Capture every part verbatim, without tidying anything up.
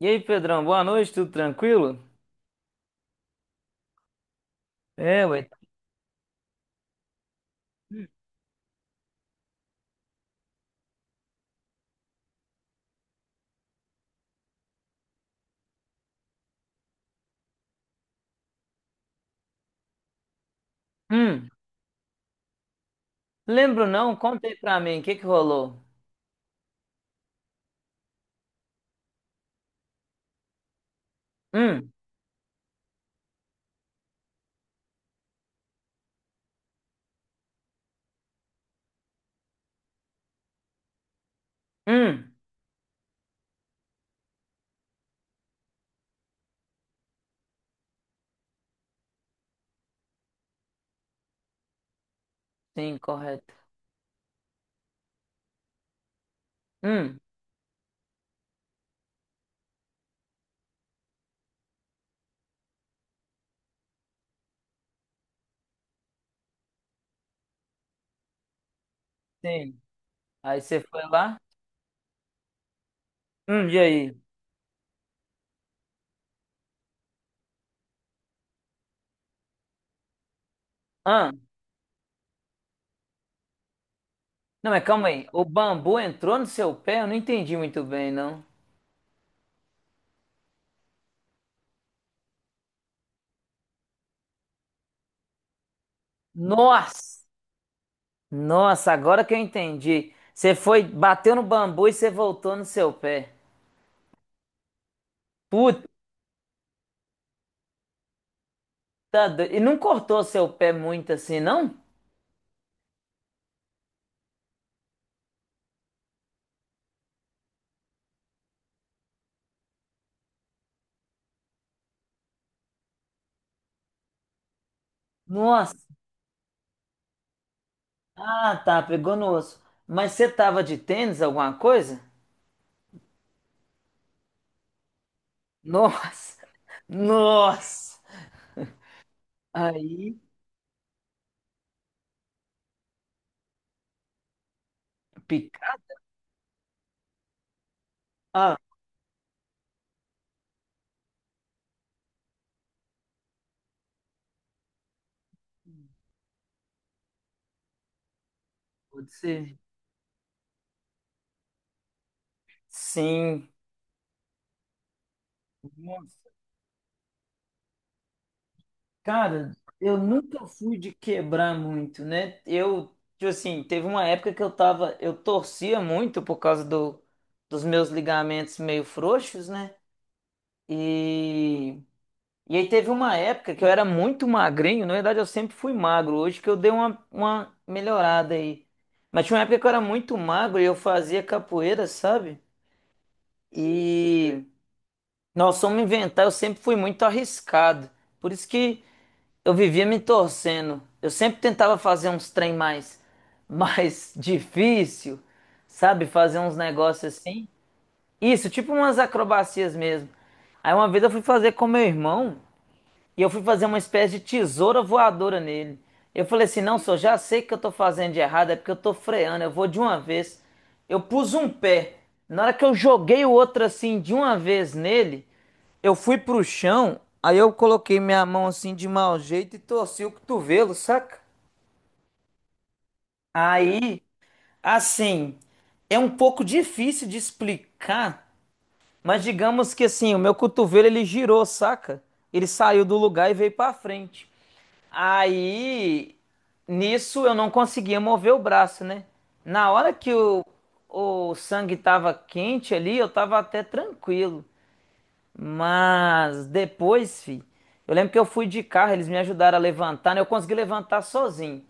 E aí, Pedrão, boa noite, tudo tranquilo? É, ué. Hum. Lembro não, conta aí pra mim, o que que rolou? Hum. Hum. Sim, correto. Hum. Sim. Aí você foi lá? Hum. E aí? Ah, não, mas calma aí, o bambu entrou no seu pé? Eu não entendi muito bem, não. Nossa, nossa, agora que eu entendi. Você foi, bateu no bambu e você voltou no seu pé. Puta, do- e não cortou seu pé muito assim, não? Nossa. Ah, tá, pegou no osso. Mas você tava de tênis, alguma coisa? Nossa, nossa. Aí, picado. Ah, pode ser. Sim. Nossa. Cara, eu nunca fui de quebrar muito, né? Eu, tipo assim, teve uma época que eu tava, eu torcia muito por causa do, dos meus ligamentos meio frouxos, né? E E aí teve uma época que eu era muito magrinho, na verdade eu sempre fui magro, hoje que eu dei uma, uma melhorada aí. Mas tinha uma época que eu era muito magro e eu fazia capoeira, sabe? E nós fomos inventar, eu sempre fui muito arriscado. Por isso que eu vivia me torcendo. Eu sempre tentava fazer uns trem mais, mais difícil, sabe? Fazer uns negócios assim. Isso, tipo umas acrobacias mesmo. Aí uma vez eu fui fazer com meu irmão. E eu fui fazer uma espécie de tesoura voadora nele. Eu falei assim: não, senhor, já sei que eu tô fazendo de errado, é porque eu tô freando, eu vou de uma vez. Eu pus um pé. Na hora que eu joguei o outro assim de uma vez nele, eu fui pro chão, aí eu coloquei minha mão assim de mau jeito e torci o cotovelo, saca? Aí, assim, é um pouco difícil de explicar mas digamos que assim, o meu cotovelo ele girou, saca? Ele saiu do lugar e veio pra frente. Aí, nisso eu não conseguia mover o braço, né? Na hora que o, o sangue tava quente ali, eu tava até tranquilo. Mas depois, fi, eu lembro que eu fui de carro, eles me ajudaram a levantar, né? Eu consegui levantar sozinho.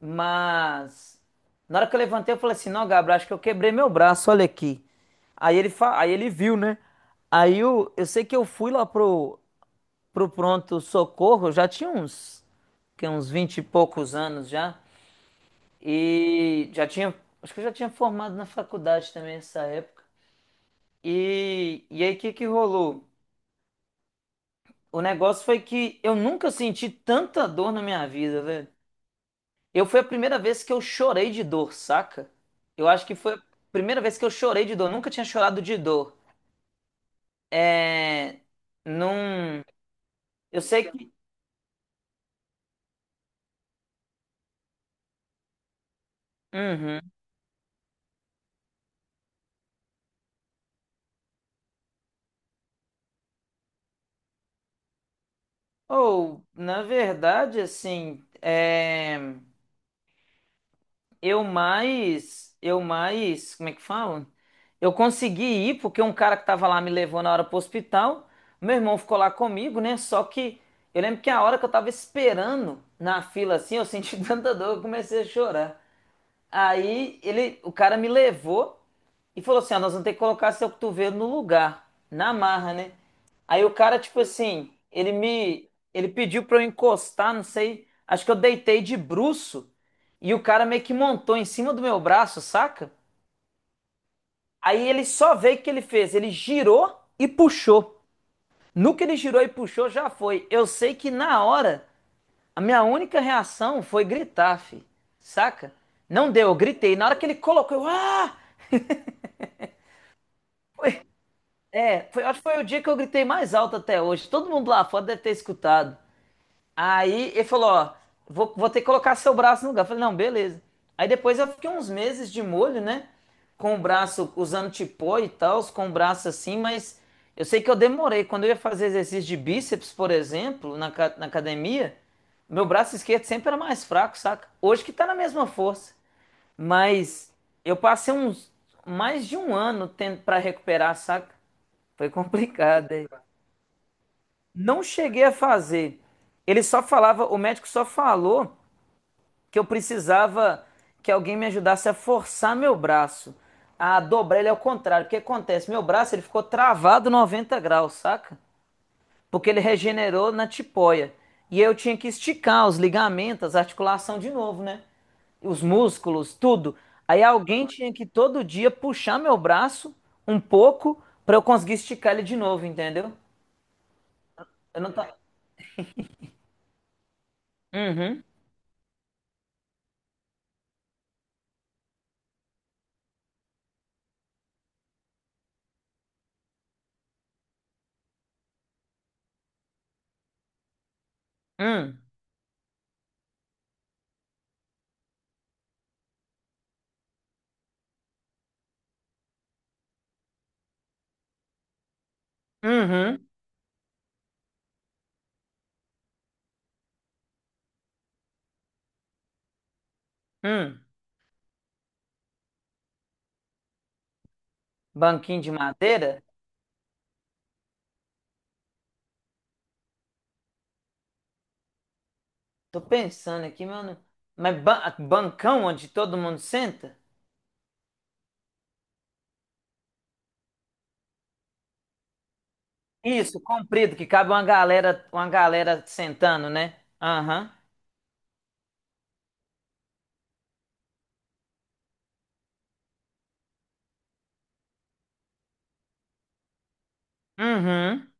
Mas na hora que eu levantei, eu falei assim: não, Gabriel, acho que eu quebrei meu braço, olha aqui. Aí ele, fa... Aí ele viu, né? Aí eu, eu sei que eu fui lá pro, pro pronto-socorro, eu já tinha uns, que, uns vinte e poucos anos já. E já tinha, Acho que eu já tinha formado na faculdade também nessa época. E, e aí o que que rolou? O negócio foi que eu nunca senti tanta dor na minha vida, velho. Eu foi a primeira vez que eu chorei de dor, saca? Eu acho que foi a primeira vez que eu chorei de dor. Nunca tinha chorado de dor. É. Num. Eu sei que. Uhum. Ou, na verdade, assim. É... Eu mais. Eu mais. Como é que falam? Eu consegui ir porque um cara que tava lá me levou na hora pro hospital. Meu irmão ficou lá comigo, né? Só que eu lembro que a hora que eu tava esperando na fila assim, eu senti tanta dor, eu comecei a chorar. Aí ele, o cara me levou e falou assim: ó, nós vamos ter que colocar seu cotovelo no lugar, na marra, né? Aí o cara, tipo assim, ele me, ele pediu pra eu encostar, não sei, acho que eu deitei de bruço e o cara meio que montou em cima do meu braço, saca? Aí ele só veio o que ele fez, ele girou e puxou. No que ele girou e puxou, já foi. Eu sei que na hora, a minha única reação foi gritar, fi, saca? Não deu, eu gritei. Na hora que ele colocou, eu, ah! É, foi, acho que foi o dia que eu gritei mais alto até hoje. Todo mundo lá fora deve ter escutado. Aí ele falou, ó, vou, vou ter que colocar seu braço no lugar. Eu falei, não, beleza. Aí depois eu fiquei uns meses de molho, né? Com o braço, usando tipó e tal, com o braço assim, mas eu sei que eu demorei. Quando eu ia fazer exercício de bíceps, por exemplo, na, ca- na academia, meu braço esquerdo sempre era mais fraco, saca? Hoje que tá na mesma força. Mas eu passei uns mais de um ano ten- pra recuperar, saca? Foi complicado, hein? Não cheguei a fazer. Ele só falava, o médico só falou que eu precisava que alguém me ajudasse a forçar meu braço, a dobrar ele ao contrário. O que acontece? Meu braço ele ficou travado noventa graus, saca? Porque ele regenerou na tipoia. E eu tinha que esticar os ligamentos, a articulação de novo, né? Os músculos, tudo. Aí alguém tinha que todo dia puxar meu braço um pouco para eu conseguir esticar ele de novo, entendeu? Eu não, ta- Uhum. Hum. Uhum. Hum. Banquinho de madeira? Tô pensando aqui, mano. Mas ba- bancão onde todo mundo senta? Isso, comprido, que cabe uma galera, uma galera sentando, né? Aham. Uhum.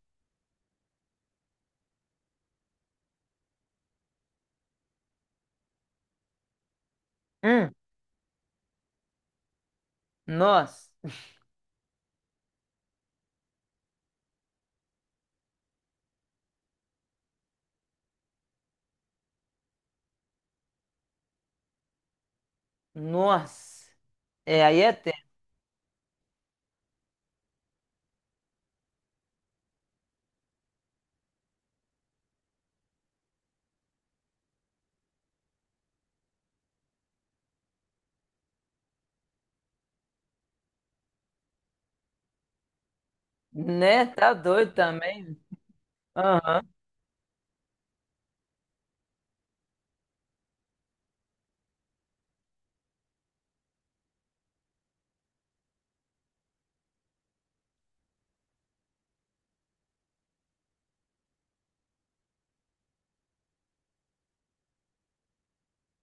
Hum. Nossa. Nossa. É, aí é tempo, né? Tá doido também. Aham.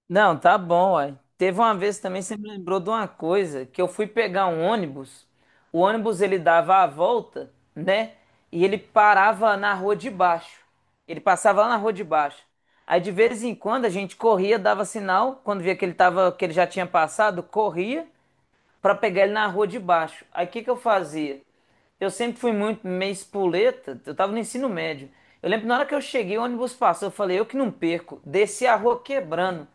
Não, tá bom, uai. Teve uma vez também, você me lembrou de uma coisa, que eu fui pegar um ônibus, o ônibus ele dava a volta, né? E ele parava na rua de baixo. Ele passava lá na rua de baixo. Aí de vez em quando a gente corria, dava sinal, quando via que ele tava, que ele já tinha passado, corria para pegar ele na rua de baixo. Aí o que que eu fazia? Eu sempre fui muito meio espoleta, eu tava no ensino médio. Eu lembro que na hora que eu cheguei, o ônibus passou, eu falei, eu que não perco. Desci a rua quebrando.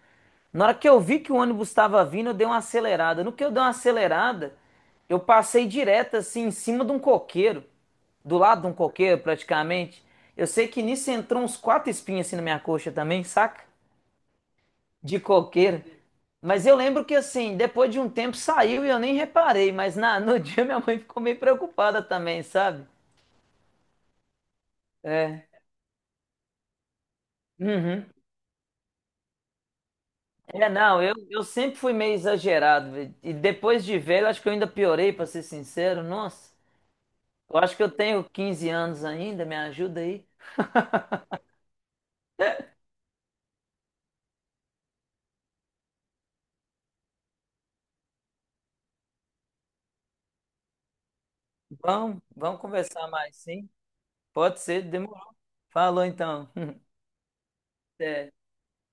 Na hora que eu vi que o ônibus estava vindo, eu dei uma acelerada. No que eu dei uma acelerada, eu passei direto assim em cima de um coqueiro, do lado de um coqueiro praticamente. Eu sei que nisso entrou uns quatro espinhos assim na minha coxa também, saca? De coqueiro. Mas eu lembro que assim, depois de um tempo saiu e eu nem reparei, mas na, no dia minha mãe ficou meio preocupada também, sabe? É. Uhum. É, não, eu, eu sempre fui meio exagerado, velho. E depois de velho, acho que eu ainda piorei, pra ser sincero. Nossa, eu acho que eu tenho quinze anos ainda, me ajuda aí. Vamos, vamos conversar mais, sim? Pode ser, demorou. Falou então. Até.